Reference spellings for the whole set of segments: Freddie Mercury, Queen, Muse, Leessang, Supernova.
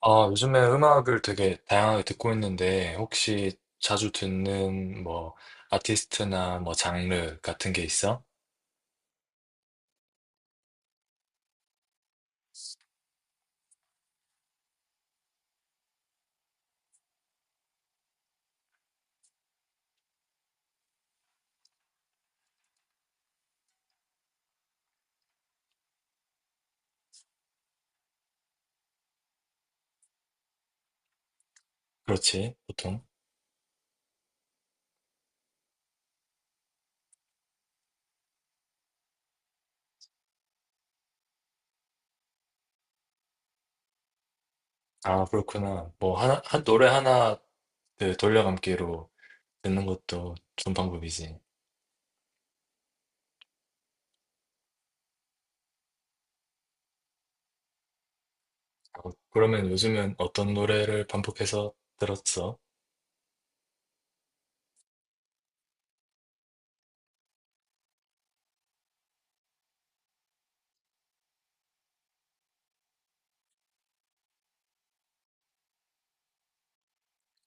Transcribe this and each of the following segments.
아, 요즘에 음악을 되게 다양하게 듣고 있는데, 혹시 자주 듣는 뭐, 아티스트나 뭐, 장르 같은 게 있어? 그렇지, 보통. 아, 그렇구나. 뭐, 하나, 한 노래 하나 그 돌려감기로 듣는 것도 좋은 방법이지. 그러면 요즘은 어떤 노래를 반복해서 들었어?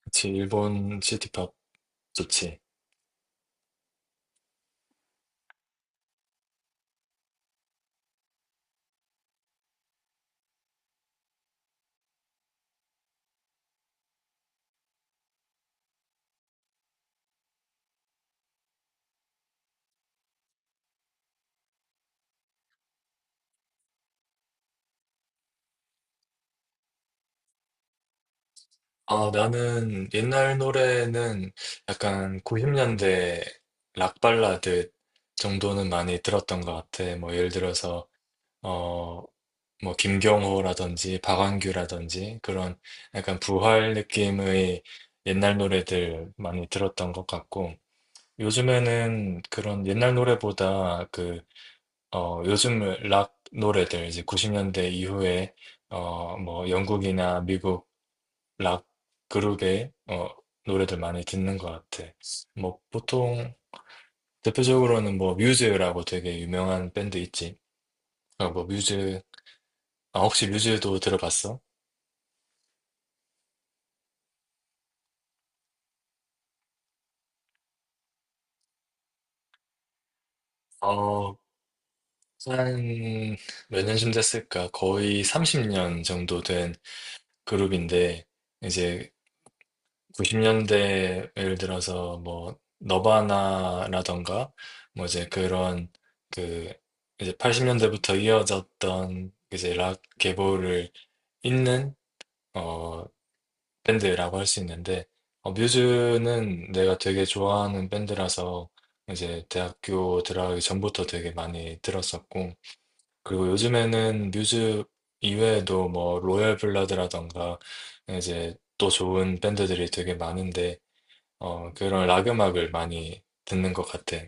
그치, 일본 시티팝 좋지. 아, 나는 옛날 노래는 약간 90년대 락 발라드 정도는 많이 들었던 것 같아. 뭐 예를 들어서 어, 뭐 김경호라든지 박완규라든지 그런 약간 부활 느낌의 옛날 노래들 많이 들었던 것 같고, 요즘에는 그런 옛날 노래보다 그 요즘 락 노래들, 이제 90년대 이후에 뭐 영국이나 미국 락 그룹의 노래들 많이 듣는 것 같아. 뭐 보통 대표적으로는 뭐 뮤즈라고 되게 유명한 밴드 있지. 뭐 뮤즈, 아 혹시 뮤즈도 들어봤어? 어, 한 몇 년쯤 됐을까? 거의 30년 정도 된 그룹인데, 이제 90년대, 예를 들어서 뭐 너바나라던가 뭐 이제 그런, 그 이제 80년대부터 이어졌던 이제 락 계보를 있는 어, 밴드라고 할 수 있는데, 뮤즈는 내가 되게 좋아하는 밴드라서 이제 대학교 들어가기 전부터 되게 많이 들었었고, 그리고 요즘에는 뮤즈 이외에도 뭐 로얄 블러드라던가 이제 또 좋은 밴드들이 되게 많은데, 그런 락 음악을 많이 듣는 것 같아.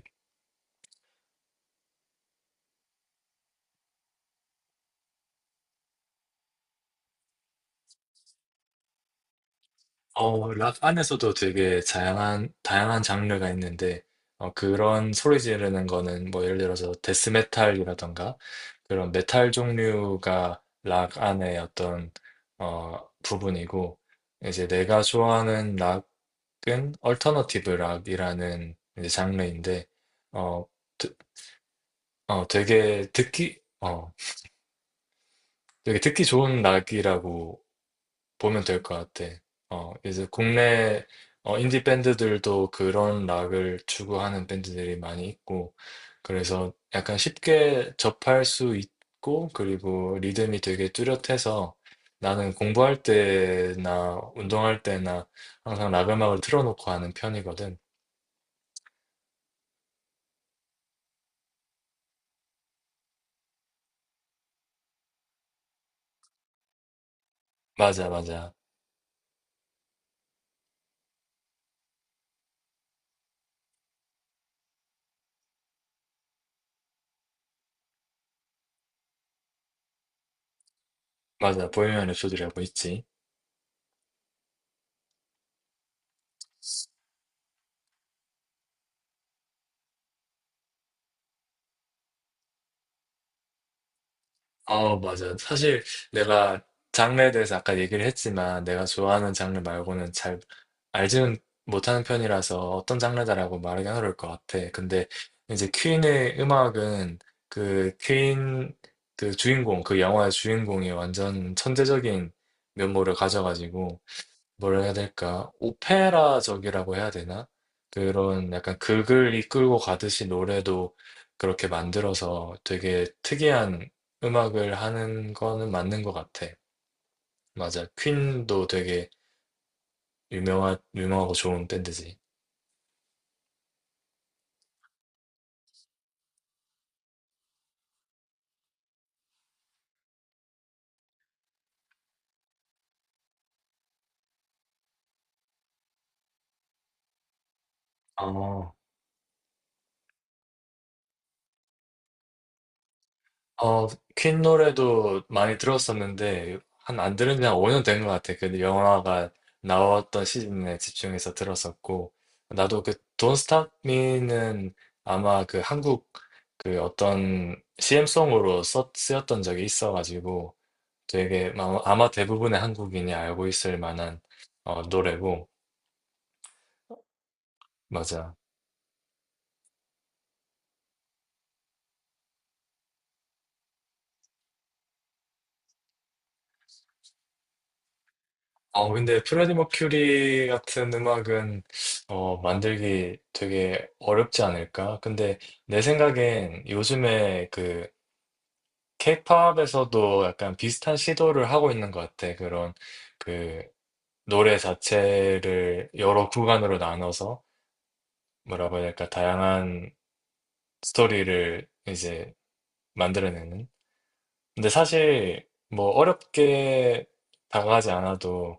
락 안에서도 되게 다양한 장르가 있는데, 그런 소리 지르는 거는 뭐 예를 들어서 데스메탈이라던가 그런 메탈 종류가 락 안의 어떤, 부분이고, 이제 내가 좋아하는 락은 얼터너티브 락이라는 이제 장르인데, 어, 드- 어, 되게 듣기, 어, 되게 듣기 좋은 락이라고 보면 될 것 같아. 이제 국내 인디 밴드들도 그런 락을 추구하는 밴드들이 많이 있고, 그래서 약간 쉽게 접할 수 있고, 그리고 리듬이 되게 뚜렷해서 나는 공부할 때나 운동할 때나 항상 락 음악을 틀어놓고 하는 편이거든. 맞아, 맞아. 맞아. 보헤미안 랩소디라고 있지. 아, 맞아요. 사실 내가 장르에 대해서 아까 얘기를 했지만 내가 좋아하는 장르 말고는 잘 알지는 못하는 편이라서 어떤 장르다라고 말하기 어려울 것 같아. 근데 이제 퀸의 음악은, 그 퀸, 그 주인공, 그 영화의 주인공이 완전 천재적인 면모를 가져가지고, 뭐라 해야 될까? 오페라적이라고 해야 되나? 그런 약간 극을 이끌고 가듯이 노래도 그렇게 만들어서 되게 특이한 음악을 하는 거는 맞는 것 같아. 맞아. 퀸도 되게 유명하고 좋은 밴드지. 아. 어 퀸 노래도 많이 들었었는데 한 안 들은 지 한 5년 된 것 같아. 그 영화가 나왔던 시즌에 집중해서 들었었고, 나도 그 Don't Stop Me는 아마 그 한국, 그 어떤 CM송으로 쓰였던 적이 있어가지고 되게 아마 대부분의 한국인이 알고 있을 만한 노래고. 맞아. 근데 프레디 머큐리 같은 음악은 만들기 되게 어렵지 않을까? 근데 내 생각엔 요즘에 그 케이팝에서도 약간 비슷한 시도를 하고 있는 것 같아. 그런, 그 노래 자체를 여러 구간으로 나눠서 뭐라고 해야 될까? 다양한 스토리를 이제 만들어내는. 근데 사실 뭐 어렵게 다가가지 않아도,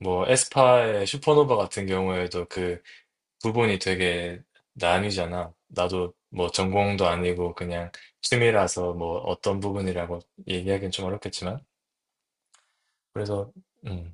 뭐 에스파의 슈퍼노바 같은 경우에도 그 부분이 되게 나뉘잖아. 나도 뭐 전공도 아니고 그냥 취미라서 뭐 어떤 부분이라고 얘기하기는 좀 어렵겠지만. 그래서, 음.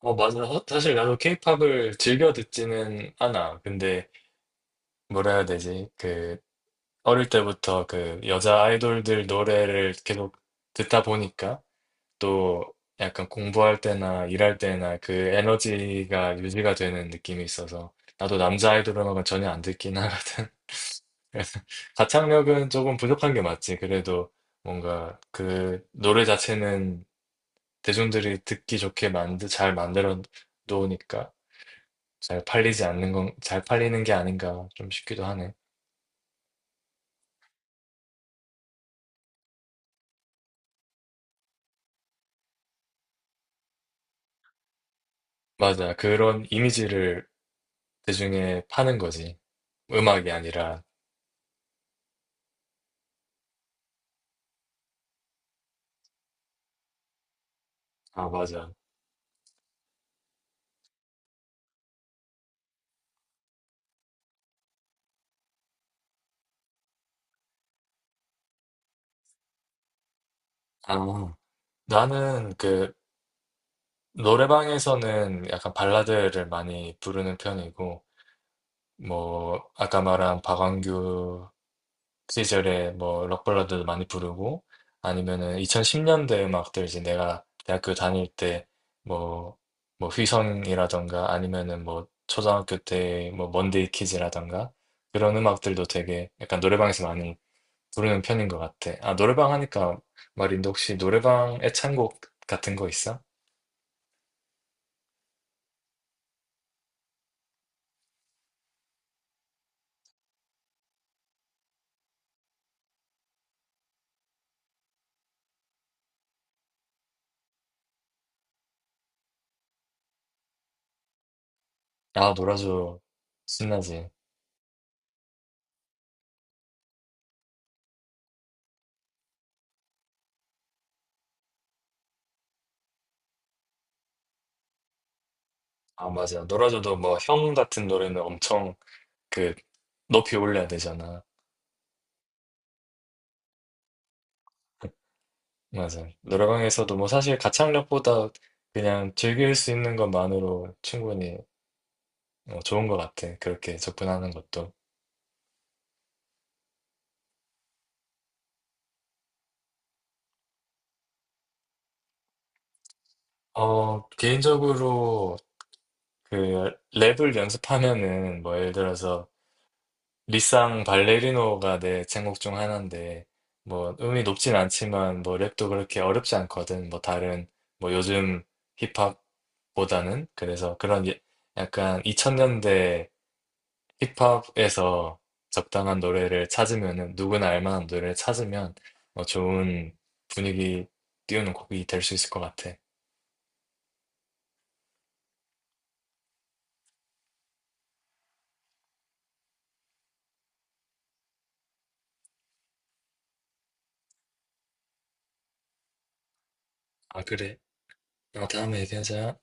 맞아. 사실 나도 케이팝을 즐겨 듣지는 않아. 근데 뭐라 해야 되지? 그, 어릴 때부터 그 여자 아이돌들 노래를 계속 듣다 보니까 또 약간 공부할 때나 일할 때나 그 에너지가 유지가 되는 느낌이 있어서, 나도 남자 아이돌 음악은 전혀 안 듣긴 하거든. 그래서 가창력은 조금 부족한 게 맞지. 그래도 뭔가 그 노래 자체는 대중들이 듣기 좋게 잘 만들어 놓으니까 잘 팔리지 않는 건, 잘 팔리는 게 아닌가 좀 싶기도 하네. 맞아. 그런 이미지를 대중에 파는 거지. 음악이 아니라. 아, 맞아. 아. 나는 그 노래방에서는 약간 발라드를 많이 부르는 편이고, 뭐, 아까 말한 박완규 그 시절에 뭐 록발라드도 많이 부르고, 아니면은 2010년대 음악들, 이제 내가 대학교 다닐 때 뭐 뭐 휘성이라던가, 아니면은 뭐 초등학교 때 뭐 먼데이 키즈라던가, 그런 음악들도 되게 약간 노래방에서 많이 부르는 편인 것 같아. 아, 노래방 하니까 말인데, 혹시 노래방 애창곡 같은 거 있어? 아, 놀아줘 신나지. 아, 맞아. 놀아줘도 뭐 형 같은 노래는 엄청 그 높이 올려야 되잖아. 맞아. 노래방에서도 뭐 사실 가창력보다 그냥 즐길 수 있는 것만으로 충분히 좋은 것 같아. 그렇게 접근하는 것도. 개인적으로 그 랩을 연습하면은 뭐 예를 들어서 리쌍 발레리노가 내 제목 중 하나인데, 뭐 음이 높진 않지만 뭐 랩도 그렇게 어렵지 않거든. 뭐 다른, 뭐 요즘 힙합보다는, 그래서 그런 약간 2000년대 힙합에서 적당한 노래를 찾으면은, 누구나 알 만한 노래를 찾으면 좋은 분위기 띄우는 곡이 될 수 있을 것 같아. 아, 그래. 다음에 얘기하자.